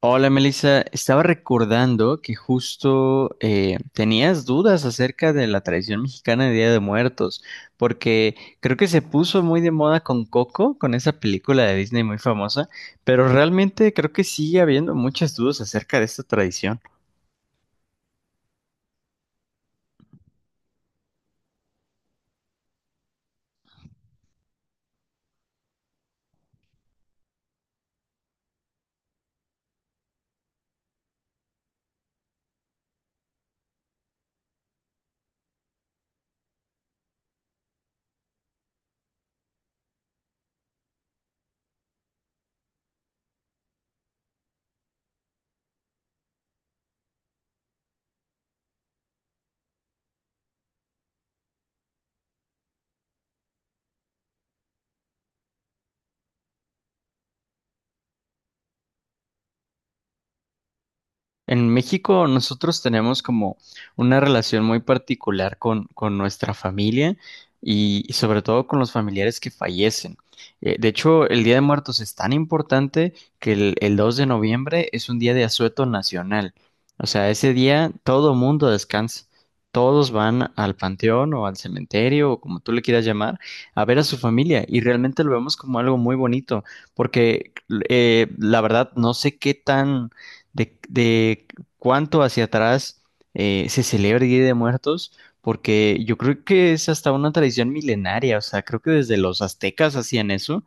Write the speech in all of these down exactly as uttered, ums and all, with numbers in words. Hola Melissa, estaba recordando que justo eh, tenías dudas acerca de la tradición mexicana de Día de Muertos, porque creo que se puso muy de moda con Coco, con esa película de Disney muy famosa, pero realmente creo que sigue habiendo muchas dudas acerca de esta tradición. En México nosotros tenemos como una relación muy particular con, con nuestra familia y, y sobre todo con los familiares que fallecen. Eh, de hecho, el Día de Muertos es tan importante que el, el dos de noviembre es un día de asueto nacional. O sea, ese día todo mundo descansa. Todos van al panteón o al cementerio o como tú le quieras llamar a ver a su familia y realmente lo vemos como algo muy bonito porque eh, la verdad no sé qué tan de, de cuánto hacia atrás eh, se celebra el Día de Muertos, porque yo creo que es hasta una tradición milenaria. O sea, creo que desde los aztecas hacían eso.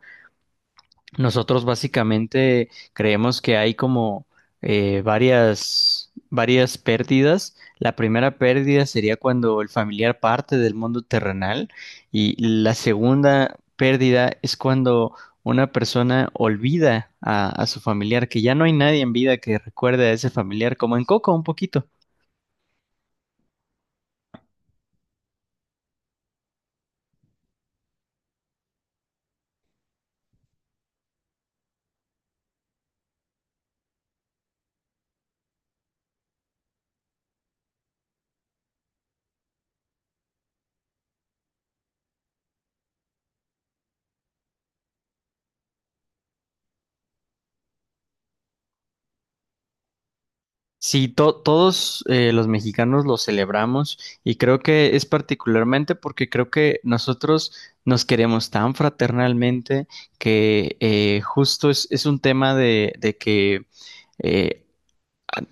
Nosotros básicamente creemos que hay como eh, varias, varias pérdidas. La primera pérdida sería cuando el familiar parte del mundo terrenal y la segunda pérdida es cuando una persona olvida a, a su familiar, que ya no hay nadie en vida que recuerde a ese familiar, como en Coco un poquito. Sí, to- todos eh, los mexicanos lo celebramos, y creo que es particularmente porque creo que nosotros nos queremos tan fraternalmente que eh, justo es, es un tema de, de que eh,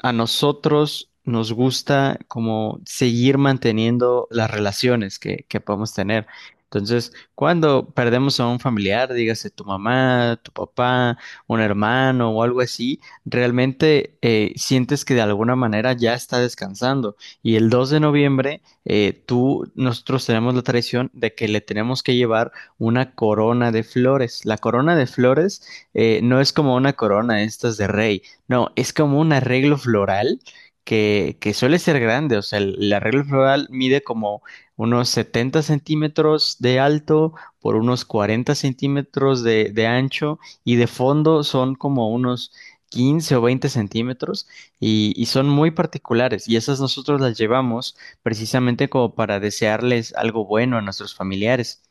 a, a nosotros nos gusta como seguir manteniendo las relaciones que, que podemos tener. Entonces, cuando perdemos a un familiar, dígase tu mamá, tu papá, un hermano o algo así, realmente eh, sientes que de alguna manera ya está descansando. Y el dos de noviembre, eh, tú, nosotros tenemos la tradición de que le tenemos que llevar una corona de flores. La corona de flores eh, no es como una corona estas de rey, no, es como un arreglo floral que, que suele ser grande. O sea, el, el arreglo floral mide como unos setenta centímetros de alto por unos cuarenta centímetros de, de ancho, y de fondo son como unos quince o veinte centímetros, y, y son muy particulares. Y esas nosotros las llevamos precisamente como para desearles algo bueno a nuestros familiares.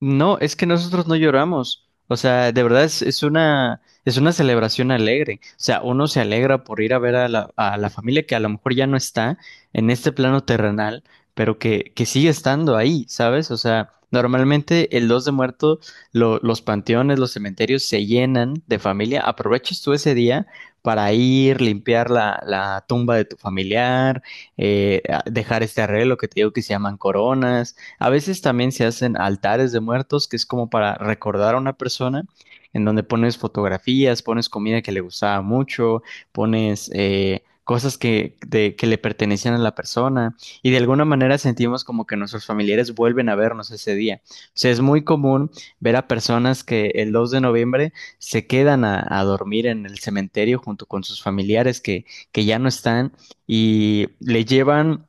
No, es que nosotros no lloramos. O sea, de verdad es, es una, es una celebración alegre. O sea, uno se alegra por ir a ver a la, a la familia que a lo mejor ya no está en este plano terrenal, pero que, que sigue estando ahí, ¿sabes? O sea, normalmente el dos de muerto, lo- los panteones, los cementerios se llenan de familia. Aproveches tú ese día para ir, limpiar la, la tumba de tu familiar, eh, a- dejar este arreglo que te digo que se llaman coronas. A veces también se hacen altares de muertos, que es como para recordar a una persona, en donde pones fotografías, pones comida que le gustaba mucho, pones eh, cosas que, de- que le pertenecían a la persona, y de alguna manera sentimos como que nuestros familiares vuelven a vernos ese día. O sea, es muy común ver a personas que el dos de noviembre se quedan a, a dormir en el cementerio junto con sus familiares que, que ya no están, y le llevan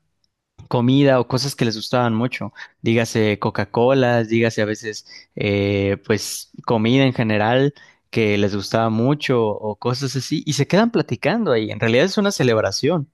comida o cosas que les gustaban mucho, dígase Coca-Colas, dígase a veces eh, pues comida en general que les gustaba mucho o cosas así, y se quedan platicando ahí. En realidad es una celebración.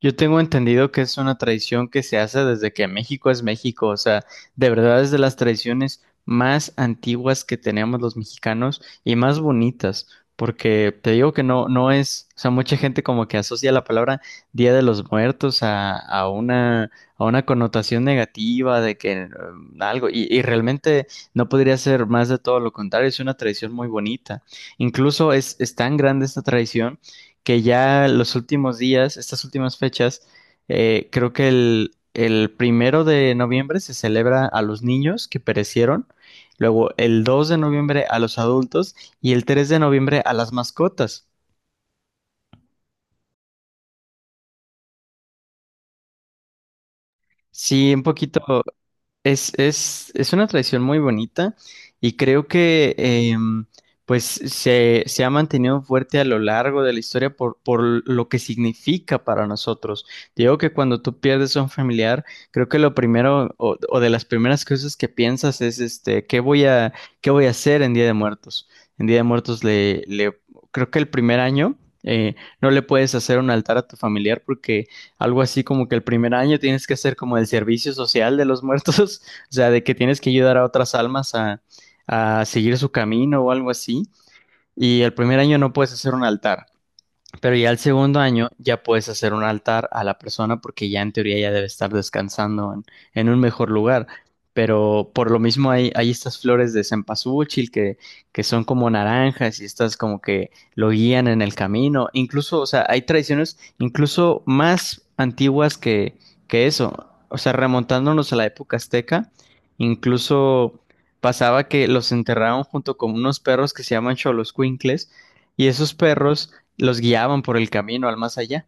Yo tengo entendido que es una tradición que se hace desde que México es México. O sea, de verdad es de las tradiciones más antiguas que tenemos los mexicanos y más bonitas, porque te digo que no, no es, o sea, mucha gente como que asocia la palabra Día de los Muertos a, a una, a una connotación negativa de que eh, algo, y, y realmente no podría ser más de todo lo contrario, es una tradición muy bonita. Incluso es, es tan grande esta tradición que ya los últimos días, estas últimas fechas, eh, creo que el, el primero de noviembre se celebra a los niños que perecieron, luego el dos de noviembre a los adultos y el tres de noviembre a las mascotas. Sí, un poquito. Es, es, es una tradición muy bonita y creo que em, pues se, se ha mantenido fuerte a lo largo de la historia por, por lo que significa para nosotros. Digo que cuando tú pierdes a un familiar, creo que lo primero o, o de las primeras cosas que piensas es este, ¿qué voy a, qué voy a hacer en Día de Muertos? En Día de Muertos le, le creo que el primer año eh, no le puedes hacer un altar a tu familiar porque algo así como que el primer año tienes que hacer como el servicio social de los muertos, o sea, de que tienes que ayudar a otras almas a, a seguir su camino o algo así. Y el primer año no puedes hacer un altar. Pero ya el segundo año ya puedes hacer un altar a la persona porque ya en teoría ya debe estar descansando en, en un mejor lugar. Pero por lo mismo hay, hay estas flores de cempasúchil que, que son como naranjas y estas como que lo guían en el camino. Incluso, o sea, hay tradiciones incluso más antiguas que, que eso. O sea, remontándonos a la época azteca, incluso pasaba que los enterraban junto con unos perros que se llaman xoloscuincles, y esos perros los guiaban por el camino al más allá.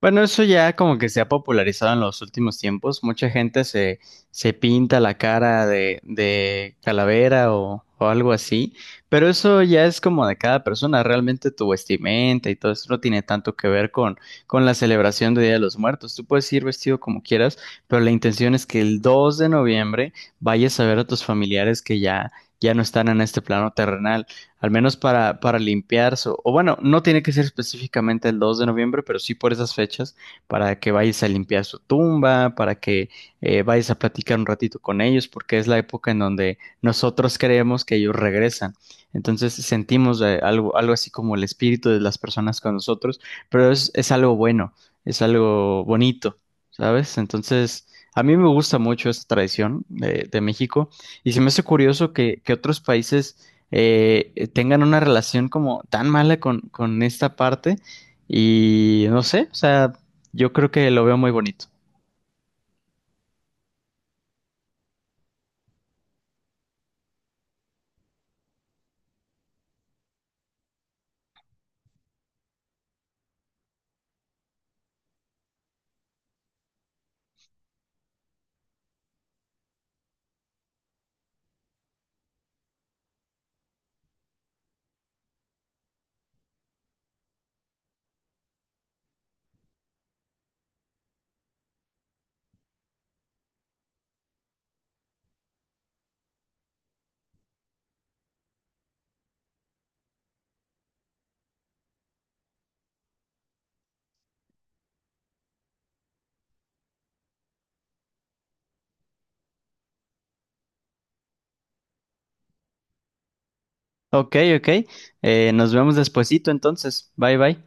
Bueno, eso ya como que se ha popularizado en los últimos tiempos. Mucha gente se, se pinta la cara de, de calavera o, o algo así, pero eso ya es como de cada persona. Realmente tu vestimenta y todo eso no tiene tanto que ver con, con la celebración de Día de los Muertos. Tú puedes ir vestido como quieras, pero la intención es que el dos de noviembre vayas a ver a tus familiares que ya, ya no están en este plano terrenal. Al menos para, para limpiarse, o bueno, no tiene que ser específicamente el dos de noviembre, pero sí por esas fechas, para que vayas a limpiar su tumba, para que eh, vayas a platicar un ratito con ellos, porque es la época en donde nosotros creemos que ellos regresan. Entonces sentimos eh, algo, algo así como el espíritu de las personas con nosotros, pero es, es algo bueno, es algo bonito, ¿sabes? Entonces... A mí me gusta mucho esta tradición de, de México y se me hace curioso que, que otros países eh, eh, tengan una relación como tan mala con, con esta parte y no sé, o sea, yo creo que lo veo muy bonito. Ok, ok, eh, nos vemos despuesito entonces, bye bye.